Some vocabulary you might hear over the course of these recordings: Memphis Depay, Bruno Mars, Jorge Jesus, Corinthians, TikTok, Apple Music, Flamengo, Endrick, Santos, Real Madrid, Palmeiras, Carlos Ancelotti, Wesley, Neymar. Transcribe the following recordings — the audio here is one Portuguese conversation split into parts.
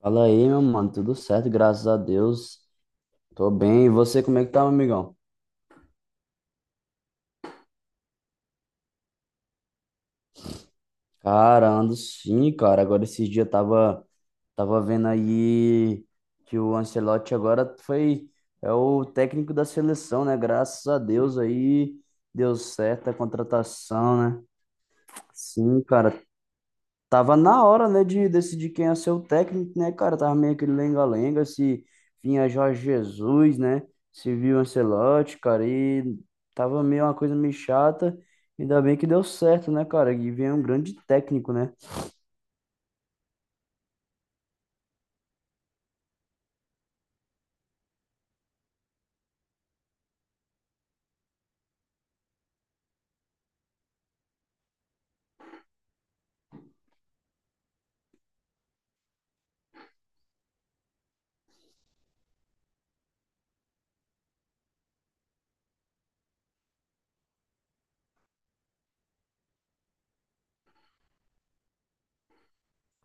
Fala aí, meu mano, tudo certo, graças a Deus. Tô bem. E você, como é que tá, meu amigão? Cara, ando sim, cara. Agora esses dias eu tava vendo aí que o Ancelotti agora foi é o técnico da seleção, né? Graças a Deus aí deu certo a contratação, né? Sim, cara, tava na hora, né, de decidir quem ia ser o técnico, né, cara? Tava meio aquele lenga-lenga, se vinha Jorge Jesus, né? Se viu Ancelotti, cara, e tava meio uma coisa meio chata. Ainda bem que deu certo, né, cara? E vem um grande técnico, né?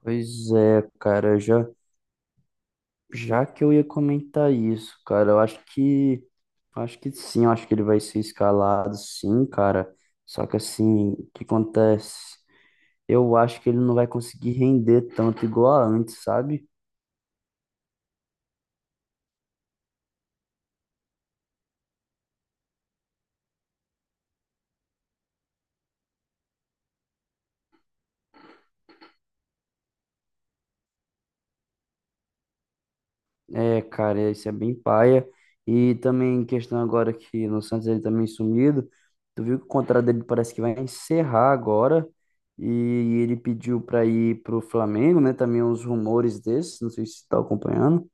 Pois é, cara, já que eu ia comentar isso, cara, acho que sim, eu acho que ele vai ser escalado, sim, cara. Só que assim, o que acontece? Eu acho que ele não vai conseguir render tanto igual a antes, sabe? É, cara, isso é bem paia. E também questão agora que no Santos ele também sumido. Tu viu que o contrato dele parece que vai encerrar agora. E ele pediu pra ir pro Flamengo, né? Também uns rumores desses, não sei se você tá acompanhando.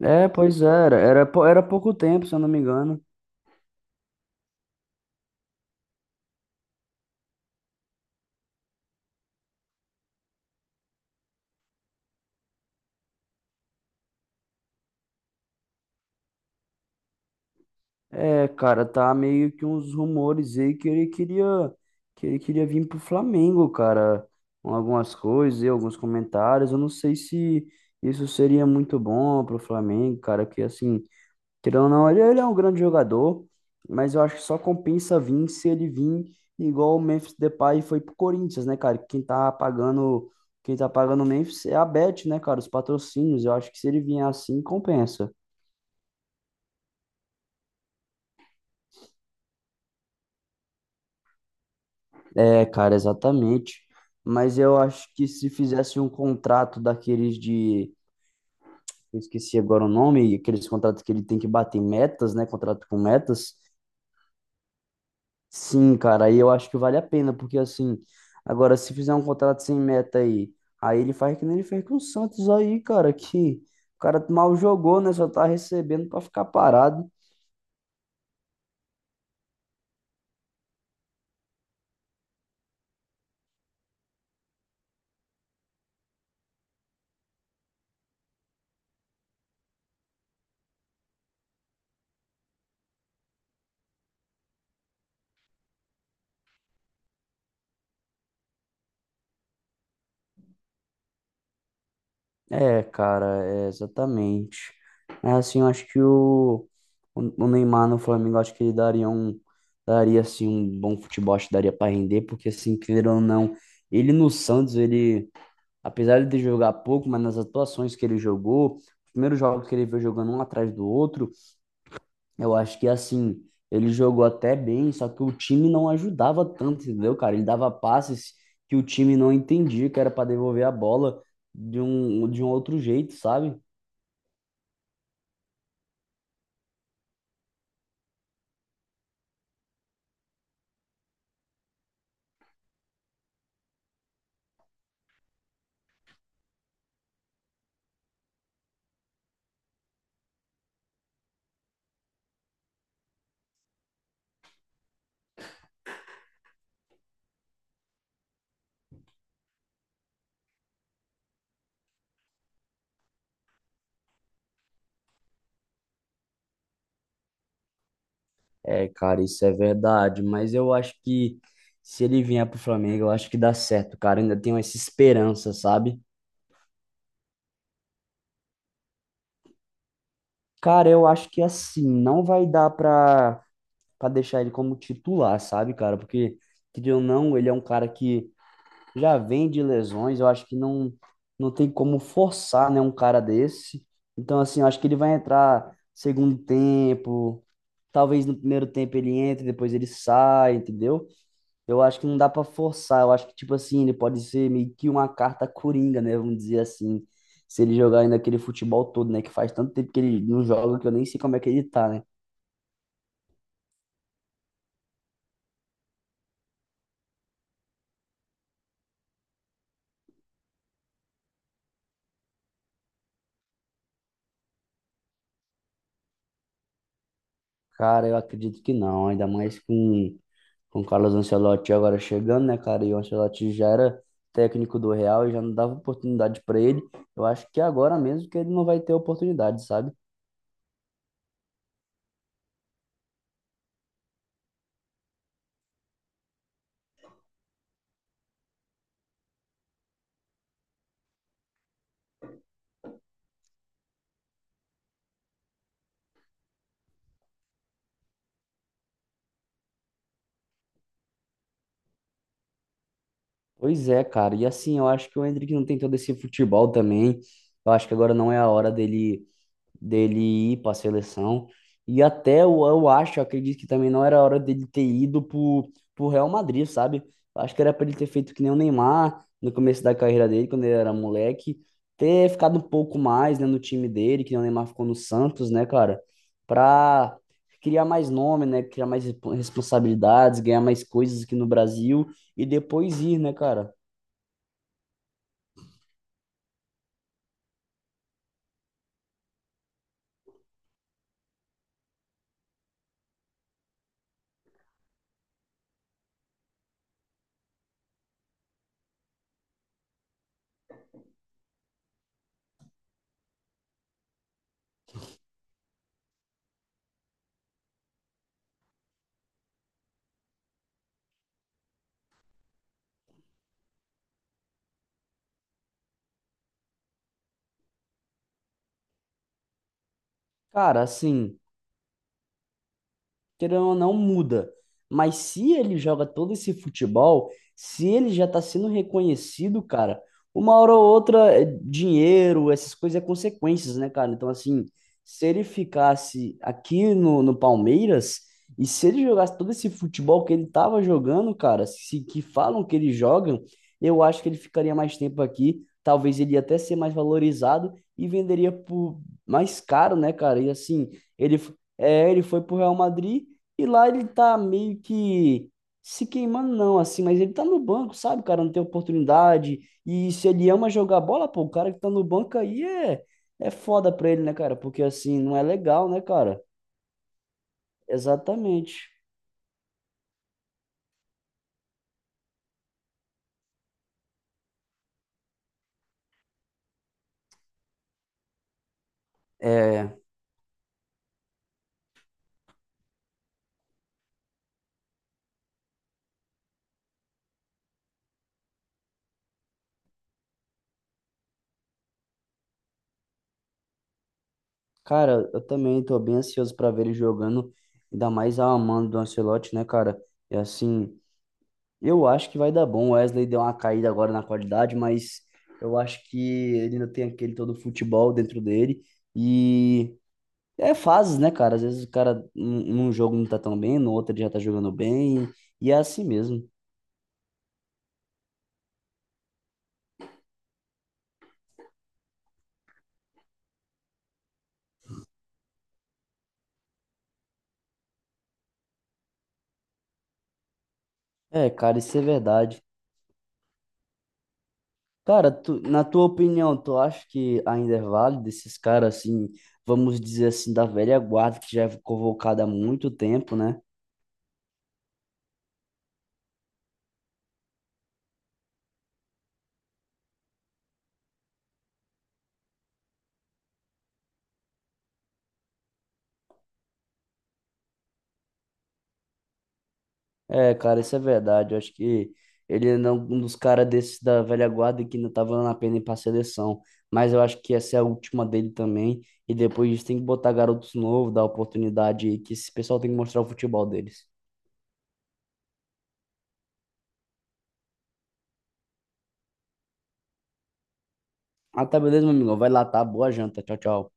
É, pois é, era. Era, era pouco tempo, se eu não me engano. É, cara, tá meio que uns rumores aí que ele queria vir pro Flamengo, cara. Com algumas coisas e alguns comentários. Eu não sei se isso seria muito bom pro Flamengo, cara, que assim, querendo ou não, ele é um grande jogador, mas eu acho que só compensa vir se ele vir igual o Memphis Depay foi pro Corinthians, né, cara? Quem tá pagando o Memphis é a Bet, né, cara? Os patrocínios. Eu acho que se ele vier assim, compensa. É, cara, exatamente. Mas eu acho que se fizesse um contrato daqueles de. Eu esqueci agora o nome, aqueles contratos que ele tem que bater metas, né? Contrato com metas. Sim, cara, aí eu acho que vale a pena, porque assim. Agora, se fizer um contrato sem meta aí, aí ele faz que nem ele fez com o Santos aí, cara, que o cara mal jogou, né? Só tá recebendo pra ficar parado. É, cara, é exatamente. É, assim, eu acho que o Neymar no Flamengo, eu acho que ele daria assim um bom futebol, acho que daria para render, porque assim, querendo ou não, ele no Santos, ele, apesar de ele jogar pouco, mas nas atuações que ele jogou, os primeiros jogos que ele veio jogando um atrás do outro, eu acho que assim, ele jogou até bem, só que o time não ajudava tanto, entendeu, cara? Ele dava passes que o time não entendia que era para devolver a bola de um outro jeito, sabe? É, cara, isso é verdade, mas eu acho que se ele vier pro Flamengo, eu acho que dá certo, cara. Eu ainda tenho essa esperança, sabe? Cara, eu acho que assim, não vai dar pra deixar ele como titular, sabe, cara? Porque, querendo ou não, ele é um cara que já vem de lesões, eu acho que não tem como forçar, né, um cara desse. Então, assim, eu acho que ele vai entrar segundo tempo, talvez no primeiro tempo ele entre, depois ele sai, entendeu? Eu acho que não dá para forçar, eu acho que, tipo assim, ele pode ser meio que uma carta coringa, né, vamos dizer assim, se ele jogar ainda aquele futebol todo, né, que faz tanto tempo que ele não joga que eu nem sei como é que ele tá, né? Cara, eu acredito que não, ainda mais com o Carlos Ancelotti agora chegando, né, cara? E o Ancelotti já era técnico do Real e já não dava oportunidade para ele. Eu acho que agora mesmo que ele não vai ter oportunidade, sabe? Pois é, cara. E assim, eu acho que o Endrick não tem todo esse futebol também. Eu acho que agora não é a hora dele ir para a seleção. E até eu acredito que também não era hora dele ter ido pro Real Madrid, sabe? Acho que era para ele ter feito que nem o Neymar no começo da carreira dele, quando ele era moleque, ter ficado um pouco mais, né, no time dele, que nem o Neymar ficou no Santos, né, cara? Pra criar mais nome, né, criar mais responsabilidades, ganhar mais coisas aqui no Brasil e depois ir, né, cara? Cara, assim, querendo ou não, muda. Mas se ele joga todo esse futebol, se ele já tá sendo reconhecido, cara, uma hora ou outra, é dinheiro, essas coisas é consequências, né, cara? Então, assim, se ele ficasse aqui no Palmeiras, e se ele jogasse todo esse futebol que ele tava jogando, cara, se que falam que ele joga, eu acho que ele ficaria mais tempo aqui. Talvez ele ia até ser mais valorizado e venderia por mais caro, né, cara? E assim, ele foi pro Real Madrid e lá ele tá meio que se queimando, não, assim, mas ele tá no banco, sabe? O cara não tem oportunidade. E se ele ama jogar bola, pô, o cara que tá no banco aí é foda pra ele, né, cara? Porque assim, não é legal, né, cara? Exatamente. É, cara, eu também tô bem ansioso pra ver ele jogando, ainda mais a mano do Ancelotti, né, cara? E assim, eu acho que vai dar bom. O Wesley deu uma caída agora na qualidade, mas eu acho que ele ainda tem aquele todo futebol dentro dele. E é fases, né, cara? Às vezes o cara num jogo não tá tão bem, no outro ele já tá jogando bem, e é assim mesmo. É, cara, isso é verdade. Cara, na tua opinião, tu acha que ainda é válido esses caras assim, vamos dizer assim, da velha guarda que já é convocada há muito tempo, né? É, cara, isso é verdade. Eu acho que ele é um dos caras desses da velha guarda que ainda tá valendo a pena ir pra seleção. Mas eu acho que essa é a última dele também. E depois disso tem que botar garotos novos, dar oportunidade, que esse pessoal tem que mostrar o futebol deles. Ah, tá, beleza, meu amigo. Vai lá, tá? Boa janta. Tchau, tchau.